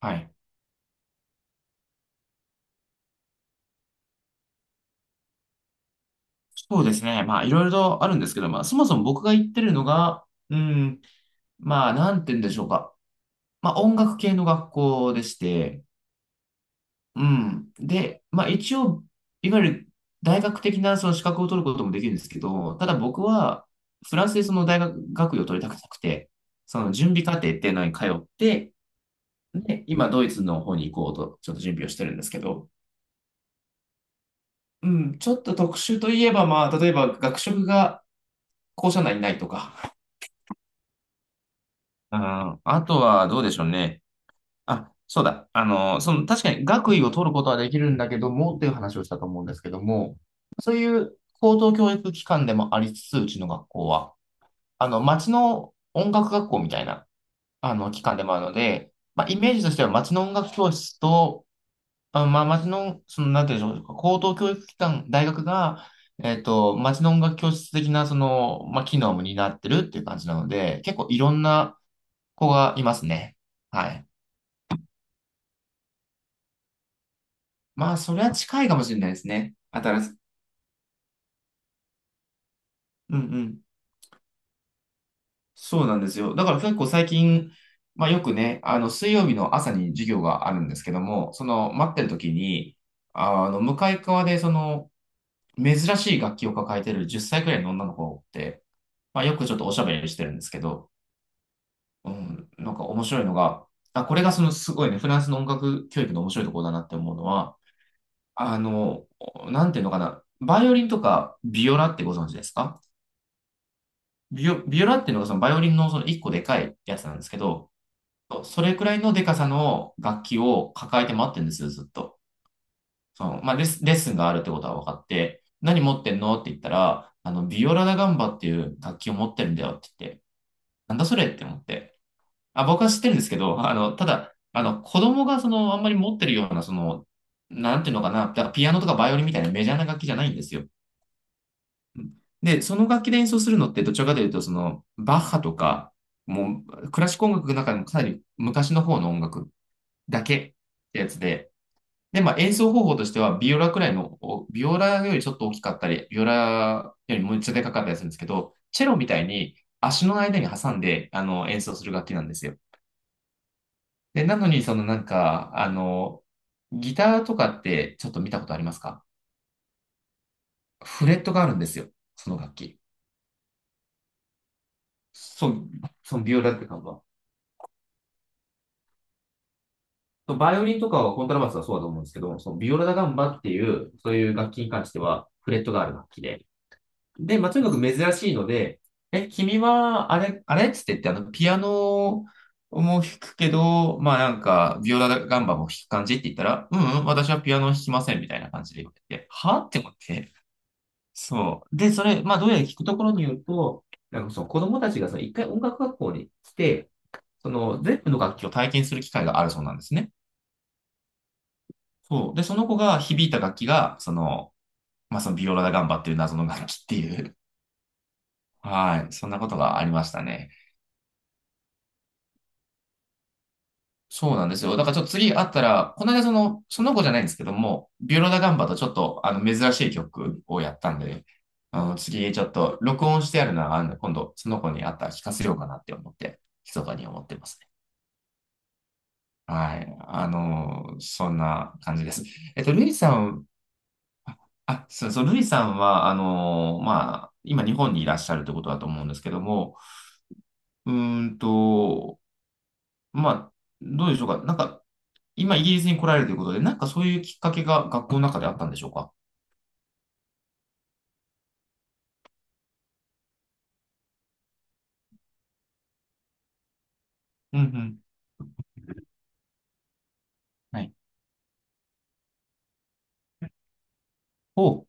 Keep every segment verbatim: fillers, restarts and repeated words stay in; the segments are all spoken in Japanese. はい。そうですね。まあ、いろいろとあるんですけど、まあ、そもそも僕が行ってるのが、うん、まあ、なんて言うんでしょうか。まあ、音楽系の学校でして、うん。で、まあ、一応、いわゆる大学的なその資格を取ることもできるんですけど、ただ僕は、フランスでその大学学位を取りたくなくて、その準備課程っていうのに通って、で、今、ドイツの方に行こうと、ちょっと準備をしてるんですけど、うん、ちょっと特殊といえば、まあ、例えば学食が校舎内にないとか、あー、あとはどうでしょうね。あ、そうだ。あの、その、確かに学位を取ることはできるんだけどもっていう話をしたと思うんですけども、そういう高等教育機関でもありつつ、うちの学校は、あの、町の音楽学校みたいな、あの、機関でもあるので、まあ、イメージとしては町の音楽教室と、あ、まあ、町の、その、なんていうんでしょう、高等教育機関、大学が、えっと、町の音楽教室的な、その、まあ、機能も担ってるっていう感じなので、結構いろんな、子がいますね。はい。まあ、それは近いかもしれないですね。新し、うんうん。そうなんですよ。だから結構最近、まあよくね、あの、水曜日の朝に授業があるんですけども、その、待ってる時に、あの、向かい側で、その、珍しい楽器を抱えてるじゅっさいくらいの女の子って、まあよくちょっとおしゃべりしてるんですけど、うん、なんか面白いのが、あ、これがそのすごいね、フランスの音楽教育の面白いところだなって思うのは、あの、なんていうのかな。バイオリンとかビオラってご存知ですか？ビオ、ビオラっていうのがそのバイオリンのその一個でかいやつなんですけど、それくらいのでかさの楽器を抱えて待ってるんですよ、ずっと。その、まあ、レッスンレッスンがあるってことは分かって、何持ってんのって言ったら、あの、ビオラダガンバっていう楽器を持ってるんだよって言って、なんだそれって思って。あ、僕は知ってるんですけど、あの、ただ、あの、子供がその、あんまり持ってるような、その、なんていうのかな、だからピアノとかバイオリンみたいなメジャーな楽器じゃないんですよ。で、その楽器で演奏するのってどちらかというと、その、バッハとか、もう、クラシック音楽の中でもかなり昔の方の音楽だけってやつで、で、まあ演奏方法としては、ビオラくらいの、おビオラよりちょっと大きかったり、ビオラよりもうちょっとでかかったりするんですけど、チェロみたいに足の間に挟んで、あの、演奏する楽器なんですよ。で、なのに、そのなんか、あの、ギターとかってちょっと見たことありますか？フレットがあるんですよ、その楽器。そう、そのビオラって感じは。バイオリンとかはコントラバスはそうだと思うんですけど、そのビオラダガンバっていう、そういう楽器に関しては、フレットがある楽器で。で、まあ、とにかく珍しいので、え、君は、あれ、あれっつって言って、あの、ピアノも弾くけど、まあなんか、ビオラガンバも弾く感じって言ったら、うん、うん、私はピアノ弾きません、みたいな感じで言われて、はって思って。そう。で、それ、まあ、どうやら聞くところによると、なんかその子供たちがさ一回音楽学校に来て、その全部の楽器を体験する機会があるそうなんですね。そう。で、その子が響いた楽器が、その、まあ、そのビオラダガンバっていう謎の楽器っていう。はい。そんなことがありましたね。そうなんですよ。だからちょっと次会ったら、この間その、その子じゃないんですけども、ビオラダガンバとちょっと、あの、珍しい曲をやったんで、あの、次ちょっと録音してあるのは、あの、今度、その子に会ったら聞かせようかなって思って、密かに思ってますね。はい。あの、そんな感じです。えっと、ルイさん、あ、そう、そう、ルイさんは、あのーまあ、今日本にいらっしゃるってことだと思うんですけども、うーんと、まあ、どうでしょうか。なんか、今イギリスに来られるということで、なんかそういうきっかけが学校の中であったんでしょうか。うんうん。はい。おう。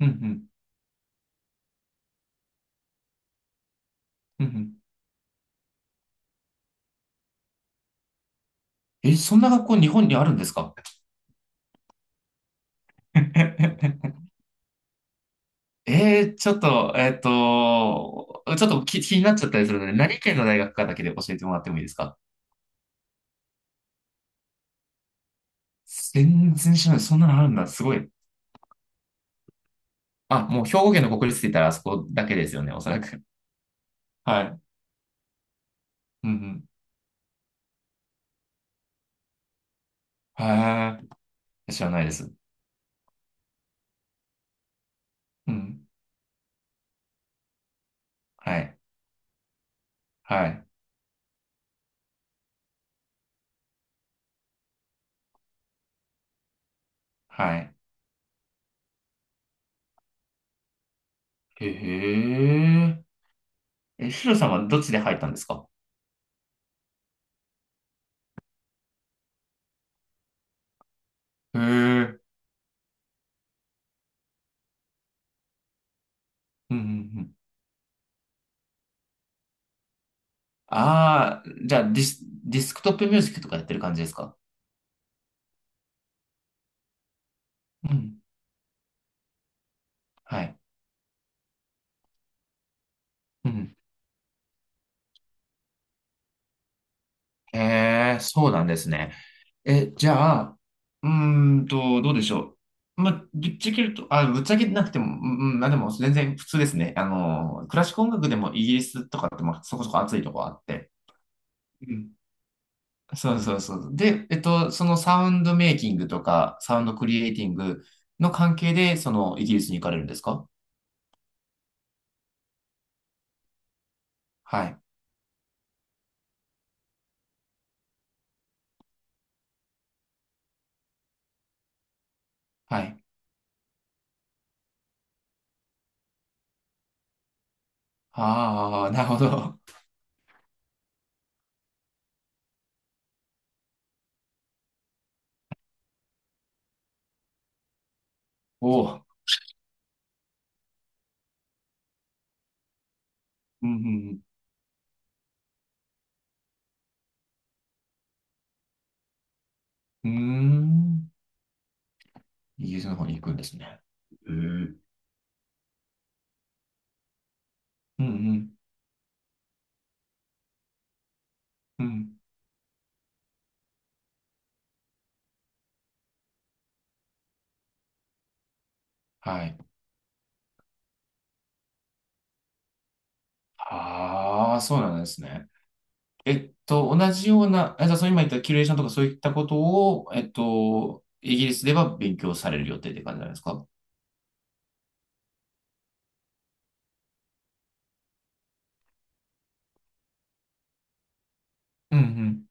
うんうん。うんうん。え、そんな学校日本にあるんですか？ えー、ちょっと、えっと、ちょっと気、気になっちゃったりするので、何県の大学かだけで教えてもらってもいいですか？全然知らない。そんなのあるんだ。すごい。あ、もう兵庫県の国立って言ったらあそこだけですよね、おそらく。はい。うんうん。へー。知らないです。うん。はい。はい。はい。へえ。え、シロさんはどっちで入ったんですか？へえ。うんうんうん。ああ、じゃあディス、ディスクトップミュージックとかやってる感じですか？うん。はい。うん。へえ、そうなんですね。え、じゃあ、うーんと、どうでしょう。まあ、ぶっちゃけると、あ、ぶっちゃけなくても、うん、うんまあでも全然普通ですね。あの、クラシック音楽でもイギリスとかって、まあ、そこそこ熱いとこあって。うん。そうそうそう。で、えっと、そのサウンドメイキングとか、サウンドクリエイティングの関係で、そのイギリスに行かれるんですか？はい。はい。ああ、なるほど。おお。うん、うん、うん。うーん。イギリスの方に行くんですね。えー、うん、うん、うん。はい。ああ、そうなんですね。えっと、同じような、あじゃあ、そう今言ったキュレーションとかそういったことを、えっと、イギリスでは勉強される予定って感じなんですか？うんうん。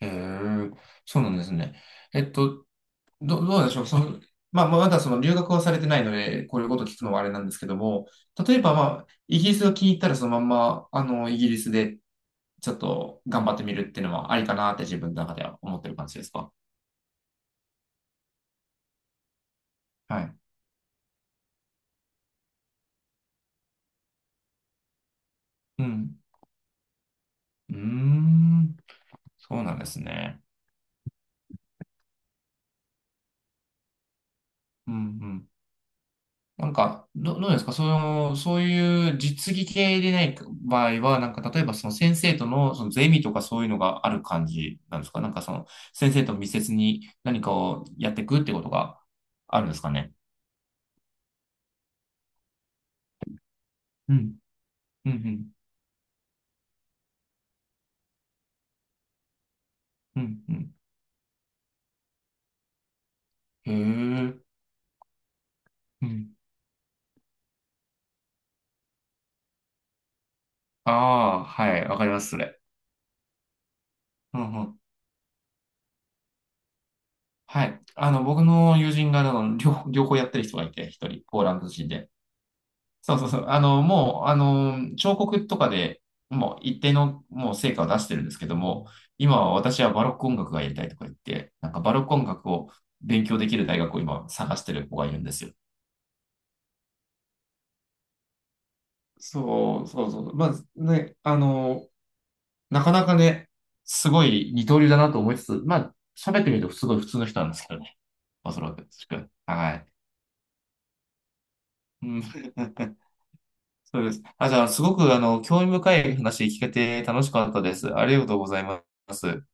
へえ、そうなんですね。えっと、ど、どうなんでしょう。その、まあ、まあまだその留学はされてないので、こういうこと聞くのはあれなんですけども、例えば、まあ、イギリスが気に入ったら、そのまんま、あの、イギリスでちょっと頑張ってみるっていうのはありかなって自分の中では思ってる感じですか？はい。うん。うーん。そうなんですね。うんうん。なんか、ど、どうですかその、そういう実技系でない場合は、なんか、例えばその先生との、そのゼミとかそういうのがある感じなんですか？なんかその、先生と密接に何かをやっていくってことがあるんですかね？うん。うん、うん、うん、うん。へえ。うん。ああ、はい。わかります、それ。うん、うん。はい。あの、僕の友人が、あの、両、両方やってる人がいて、一人、ポーランド人で。そうそうそう。あの、もう、あの、彫刻とかでもう一定のもう成果を出してるんですけども、今は私はバロック音楽がやりたいとか言って、なんかバロック音楽を勉強できる大学を今探してる子がいるんですよ。そうそうそう。まあね、あの、なかなかね、すごい二刀流だなと思いつつ、まあ、喋ってみるとすごい普通の人なんですけどね。おそらく。はい。うん そうです。あ、じゃあ、すごく、あの、興味深い話聞けて楽しかったです。ありがとうございます。